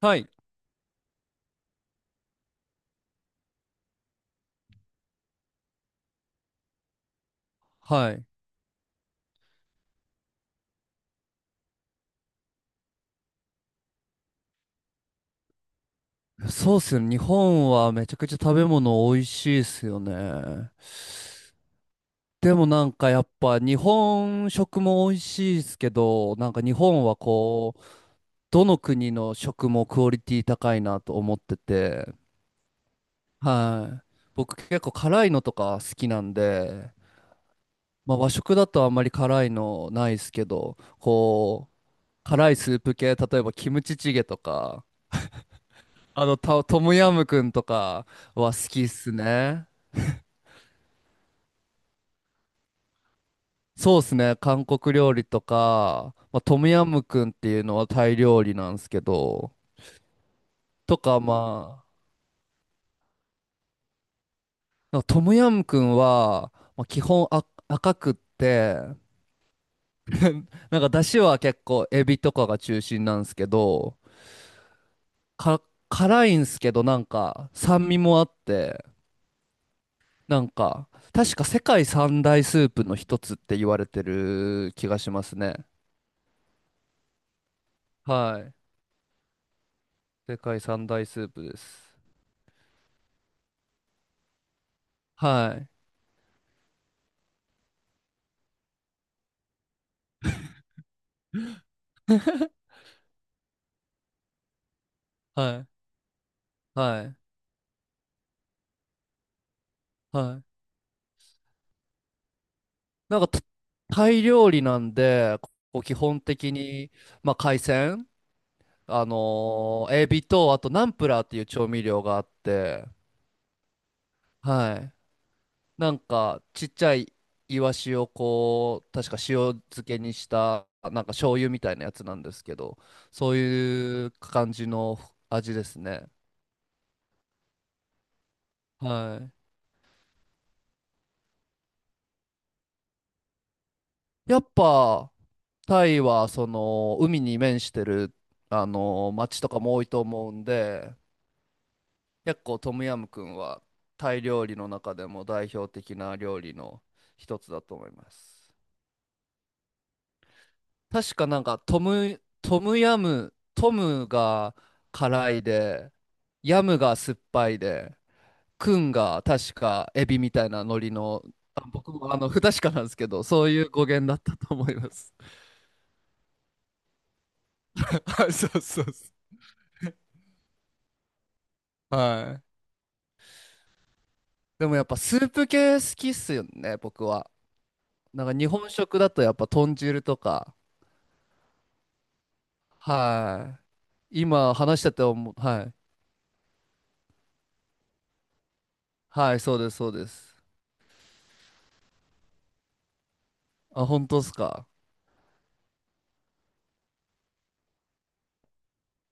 はい。はい。そうっすよね。日本はめちゃくちゃ食べ物美味しいっすよね。でもなんかやっぱ日本食も美味しいですけど、なんか日本はこう、どの国の食もクオリティ高いなと思ってて、はい。僕結構辛いのとか好きなんで、まあ和食だとあんまり辛いのないですけど、こう、辛いスープ系、例えばキムチチゲとか、トムヤムクンとかは好きっすね。そうっすね。韓国料理とか、まあ、トムヤムクンっていうのはタイ料理なんですけど、とかまあ、なんかトムヤムクンは、まあ、基本赤くって、なんか出汁は結構エビとかが中心なんですけど、か辛いんすけどなんか酸味もあって、なんか確か世界三大スープの一つって言われてる気がしますね。はい。世界三大スープです。はい。はい。はい。はい。なんか、タイ料理なんで、こう基本的に、まあ、海鮮、エビと、あとナンプラーっていう調味料があって、はい。なんか、ちっちゃいイワシをこう、確か塩漬けにした、なんか醤油みたいなやつなんですけど、そういう感じの味ですね。はい。やっぱ、タイはその海に面してるあの町とかも多いと思うんで、結構トムヤムクンはタイ料理の中でも代表的な料理の一つだと思います。確かなんかトムヤム、トムが辛いで、ヤムが酸っぱいで、クンが確かエビみたいな海苔の、僕も不確かなんですけど、そういう語源だったと思います。 はい、そうそうそう。はい。でもやっぱスープ系好きっすよね、僕は。なんか日本食だとやっぱ豚汁とか。はい。今話してて思う。はい。はい、そうです、そうです。あ、本当っすか。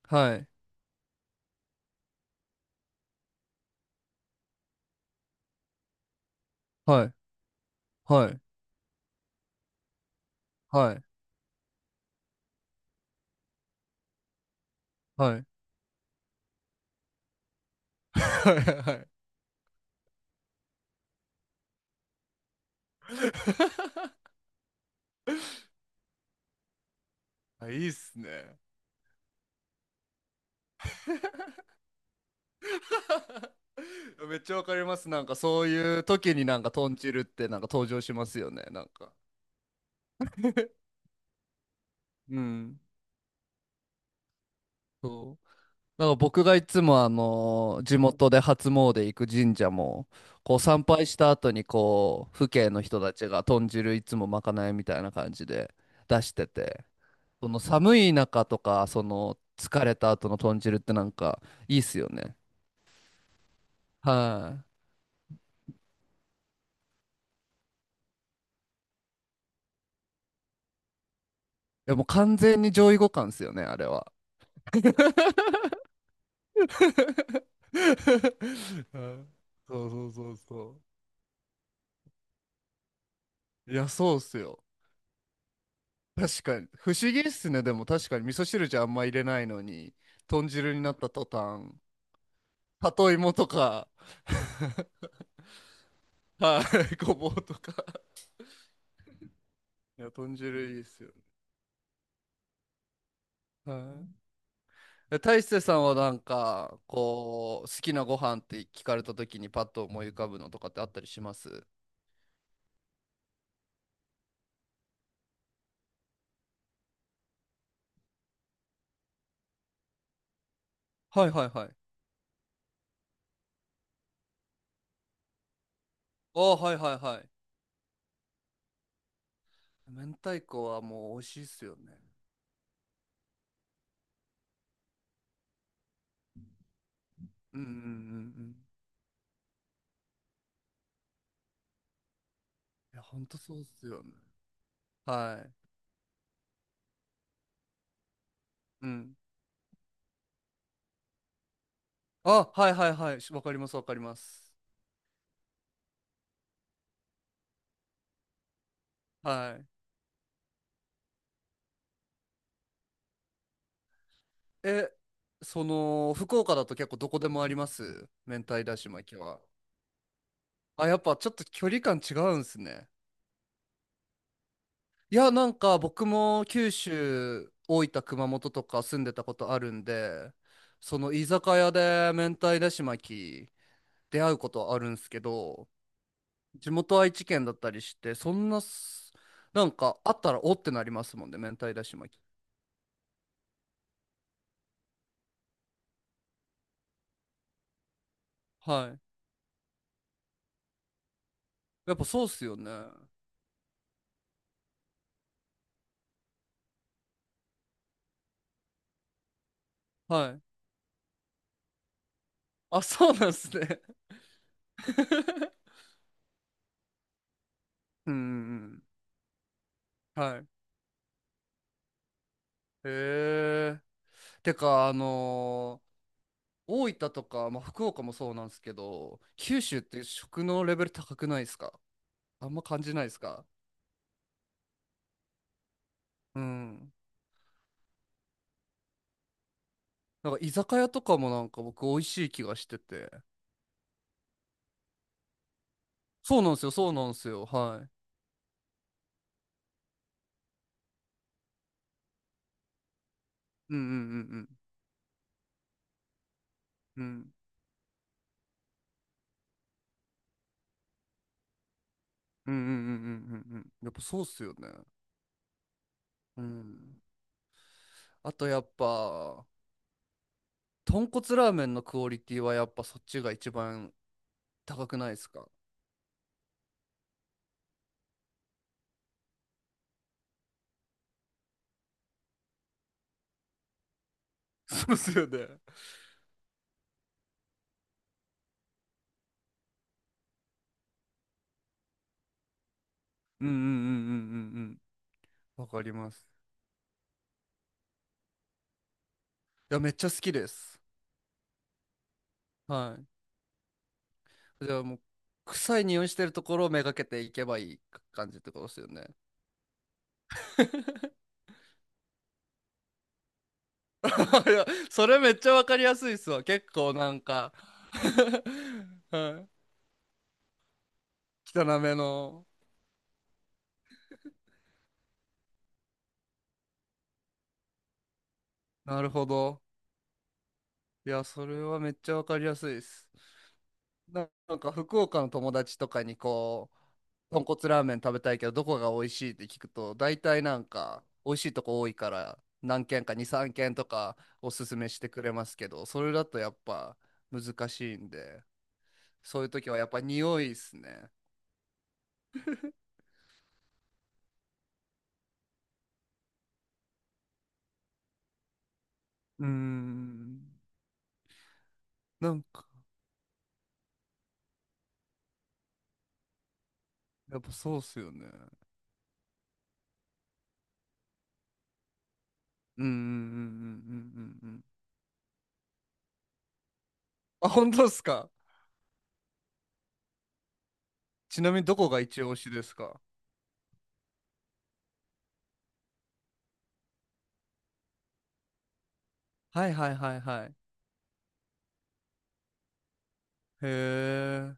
はい。はい。はい。はい。はい。はい。はい。いいっすね。めっちゃわかります。なんかそういう時になんか豚汁ってなんか登場しますよね。なんか。うん。そう。なんか僕がいつもあの地元で初詣行く神社も、こう参拝した後にこう父兄の人たちが豚汁いつもまかないみたいな感じで出してて、その寒い中とかその疲れた後の豚汁ってなんかいいっすよね。はい。いやもう完全に上位互換っすよね、あれは。 はい、そうそうそうそう、いや、そうっすよ。確かに。不思議っすね。でも確かに味噌汁じゃあんま入れないのに、豚汁になった途端、里芋とか、はい、ごぼうとか。いや、豚汁いいっすよね。はい。え大勢さんはなんか、こう、好きなご飯って聞かれた時にパッと思い浮かぶのとかってあったりします？はいはいはい。ああ、はいはいはい。明太子はもう美味しいっすよね。うんうんうんうん。いや、ほんとそうっすよね。はい。うん。あ、はいはいはい。わかりますわかります。はい。え、福岡だと結構どこでもあります、明太だし巻きは？あ、やっぱちょっと距離感違うんすね。いや、なんか僕も九州、大分、熊本とか住んでたことあるんで、その居酒屋で明太だし巻き出会うことはあるんすけど、地元愛知県だったりして、そんなす、なんかあったらおってなりますもんね、明太だし巻き。はい。やっぱそうっすよね。はい。あ、そうなんですね。うんうんうん。はい。へえ。てか、大分とか、まあ、福岡もそうなんですけど、九州って食のレベル高くないですか？あんま感じないですか？うん。なんか居酒屋とかもなんか僕美味しい気がしてて。そうなんですよ、そうなんですよ。はい。うんうんうんうん。うんうんうんうんうんうんうん、やっぱそうっすよね。うん。あとやっぱ、豚骨ラーメンのクオリティはやっぱそっちが一番高くないですか？ そうですよね。うんうんうんうんうんうん。わかります。いや、めっちゃ好きです。はい。じゃあもう、臭い匂いしてるところをめがけていけばいい感じってことですよね。いや、それめっちゃわかりやすいっすわ。結構なんか はい。汚めの。なるほど。いや、それはめっちゃわかりやすいです。なんか福岡の友達とかに豚骨ラーメン食べたいけどどこが美味しいって聞くと、大体なんか美味しいとこ多いから何軒か2、3軒とかおすすめしてくれますけど、それだとやっぱ難しいんで、そういう時はやっぱ匂いっすね。うーん。なんかやっぱそうっすよね。うんうんうんうんうんうんうん。あ、本当っすか？ちなみにどこが一押しですか？はいはいはいはい。へえ。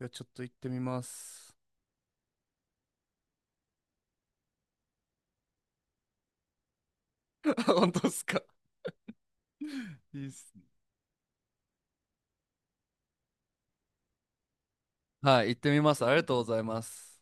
いやちょっと行ってみます。本当っすか？ いいっすね。はい、行ってみます。ありがとうございます。